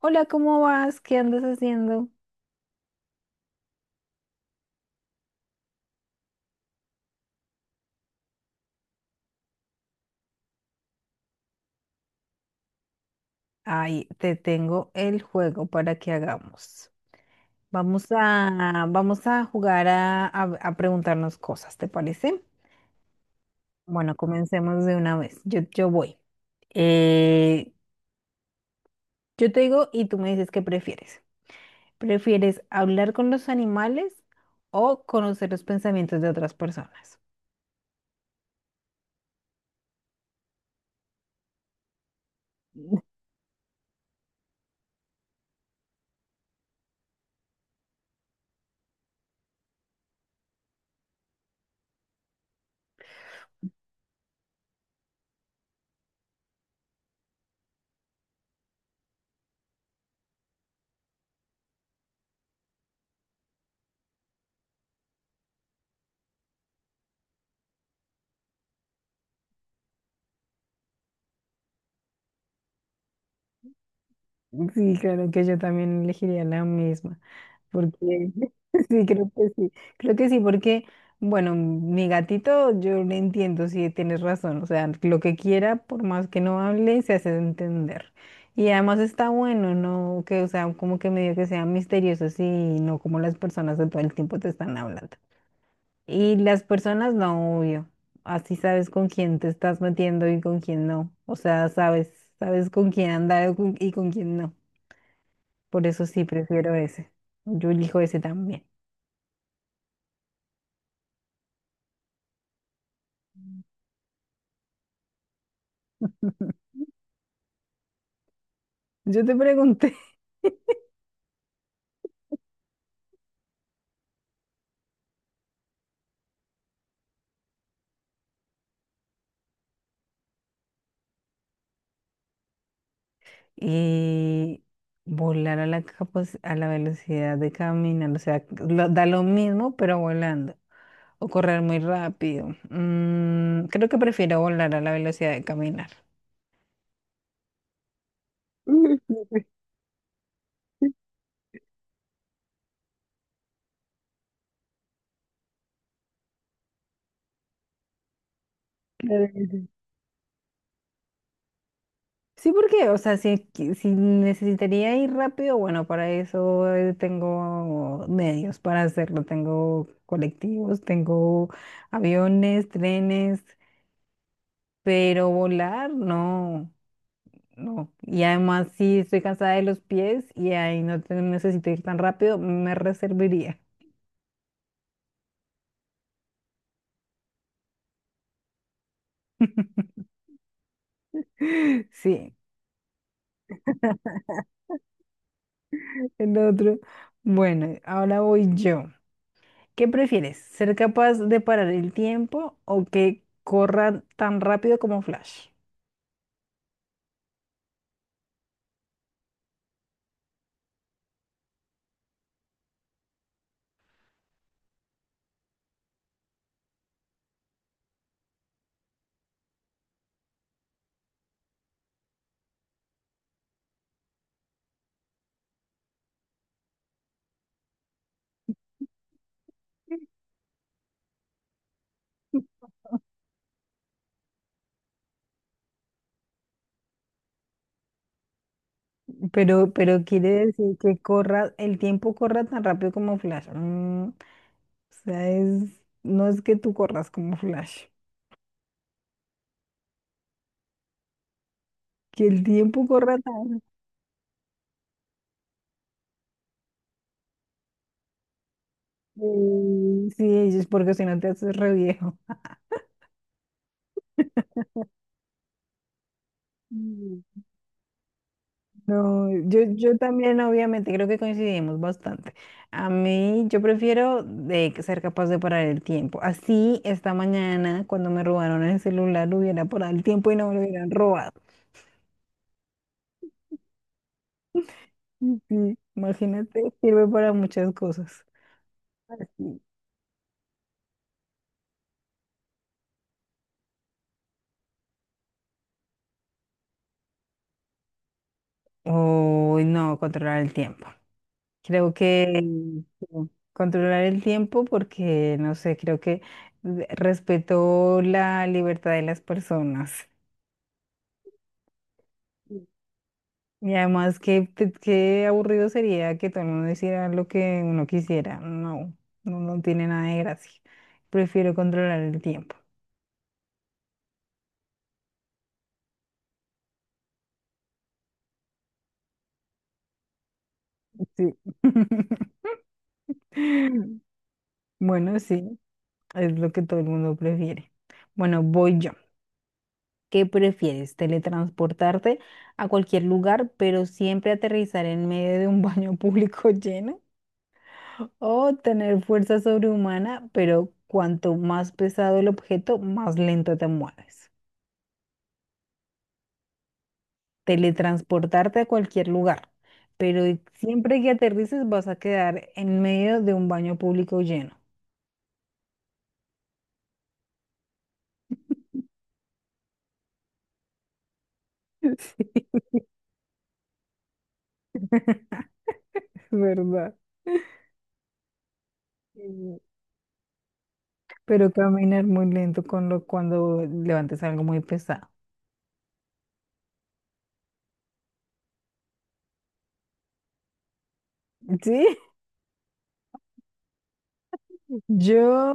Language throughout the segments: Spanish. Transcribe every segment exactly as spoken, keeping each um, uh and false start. Hola, ¿cómo vas? ¿Qué andas haciendo? Ay, te tengo el juego para que hagamos. Vamos a, vamos a jugar a, a- a preguntarnos cosas, ¿te parece? Bueno, comencemos de una vez. Yo, yo voy. Eh, yo te digo y tú me dices qué prefieres. ¿Prefieres hablar con los animales o conocer los pensamientos de otras personas? Sí, claro que yo también elegiría la misma. Porque sí, creo que sí, creo que sí, porque, bueno, mi gatito, yo le entiendo, sí, tienes razón, o sea, lo que quiera, por más que no hable, se hace entender. Y además está bueno, ¿no? Que, o sea, como que medio que sean misteriosos y no como las personas de todo el tiempo te están hablando. Y las personas, no, obvio, así sabes con quién te estás metiendo y con quién no, o sea, sabes, sabes con quién andar y con y con quién no. Por eso sí, prefiero ese. Yo elijo ese también. Yo te pregunté, y volar a la, capac- a la velocidad de caminar, o sea, lo- da lo mismo, pero volando, o correr muy rápido. Mm, creo que prefiero volar a la velocidad de caminar. Claro que sí. Sí, porque, o sea, si, qui- si necesitaría ir rápido, bueno, para eso eh, tengo medios para hacerlo. Tengo colectivos, tengo aviones, trenes, pero volar, no. No. Y además, si estoy cansada de los pies y ahí no te- necesito ir tan rápido, me reservaría. Sí, el otro. Bueno, ahora voy yo. ¿Qué prefieres? ¿Ser capaz de parar el tiempo o que corra tan rápido como Flash? Pero, pero quiere decir que corra, el tiempo corra tan rápido como Flash. Mm, o sea, es, no es que tú corras como Flash, que el tiempo corra tan. Eh, sí, es porque si no te haces re viejo. Mm, no, yo, yo también obviamente creo que coincidimos bastante. A mí yo prefiero de ser capaz de parar el tiempo. Así esta mañana cuando me robaron el celular hubiera parado el tiempo y no me lo hubieran robado. Mm, sí, imagínate, sirve para muchas cosas. Uy, no, controlar el tiempo. Creo que mm, controlar el tiempo porque, no sé, creo que respeto la libertad de las personas. Y además, qué, pe- qué aburrido sería que todo el mundo hiciera lo que uno quisiera. No, no, no tiene nada de gracia. Prefiero controlar el tiempo. Sí. Bueno, sí, es lo que todo el mundo prefiere. Bueno, voy yo. ¿Qué prefieres? ¿Teletransportarte a cualquier lugar, pero siempre aterrizar en medio de un baño público lleno? ¿O tener fuerza sobrehumana, pero cuanto más pesado el objeto, más lento te mueves? Teletransportarte a cualquier lugar, pero siempre que aterrices vas a quedar en medio de un baño público lleno. Sí, es verdad. Mm. Pero caminar muy lento con lo, cuando levantes algo muy pesado. Sí, yo,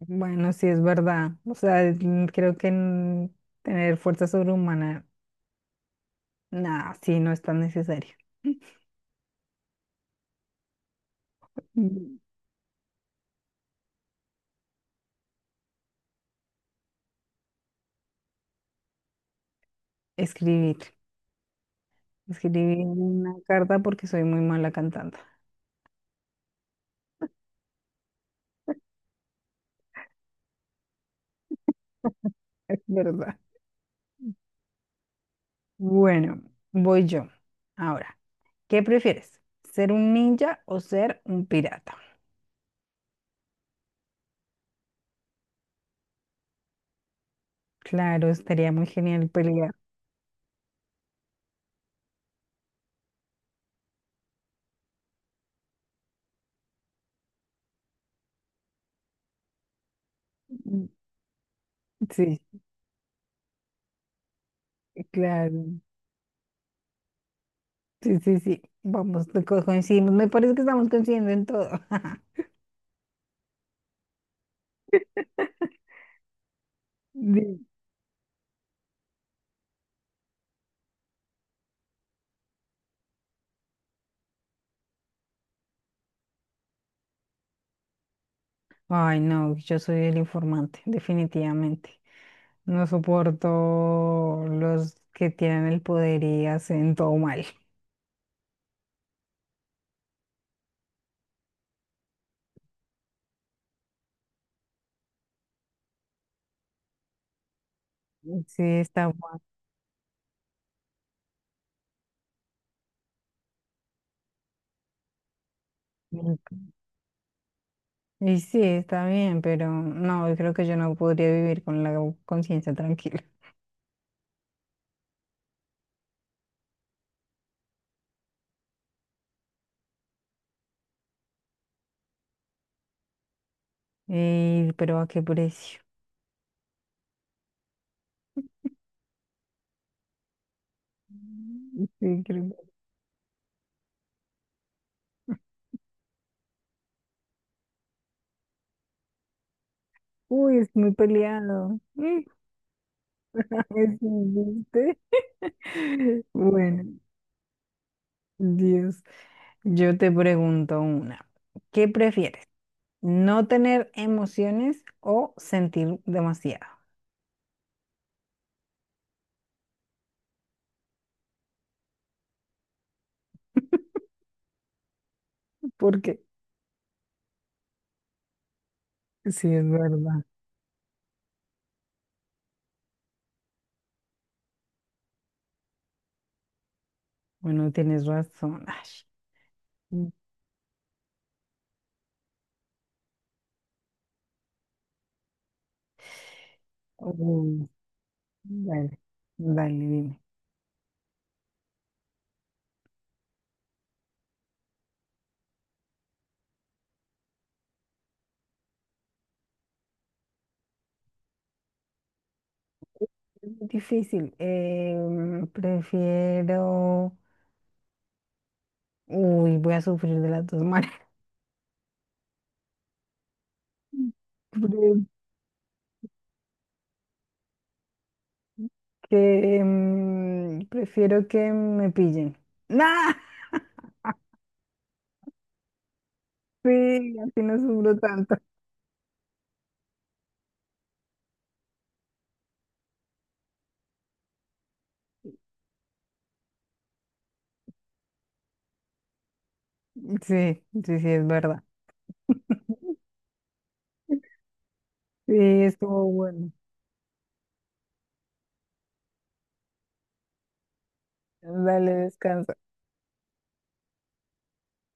bueno, sí es verdad. O sea, mm, creo que mm, tener fuerza sobrehumana, nada, sí, no es tan necesario. Mm, escribir, escribir una carta porque soy muy mala cantando. Es verdad. Bueno, voy yo. Ahora, ¿qué prefieres? ¿Ser un ninja o ser un pirata? Claro, estaría muy genial pelear. Mm, sí, claro. Sí, sí, sí. Vamos, co- coincidimos. Me parece que estamos coincidiendo en todo. Sí. Ay, no, yo soy el informante, definitivamente. No soporto los que tienen el poder y hacen todo mal. Sí, está mal. Y sí, está bien, pero no, yo creo que yo no podría vivir con la conciencia tranquila. Ey, pero ¿a qué precio? Mm, sí, creo que- Uy, es muy peleado. Mm, es un chiste. Bueno, Dios. Yo te pregunto una. ¿Qué prefieres? ¿No tener emociones o sentir demasiado? Porque sí, es verdad. Bueno, tienes razón. Ay, mm, uy, dale, dale, dime. Difícil. Em, prefiero. Uy, voy a sufrir de las dos maneras. Pre- que em, prefiero que me pillen. ¡Nah! Sí, así no sufro tanto. Sí, sí, sí, es verdad. Sí, estuvo bueno. Dale, descansa.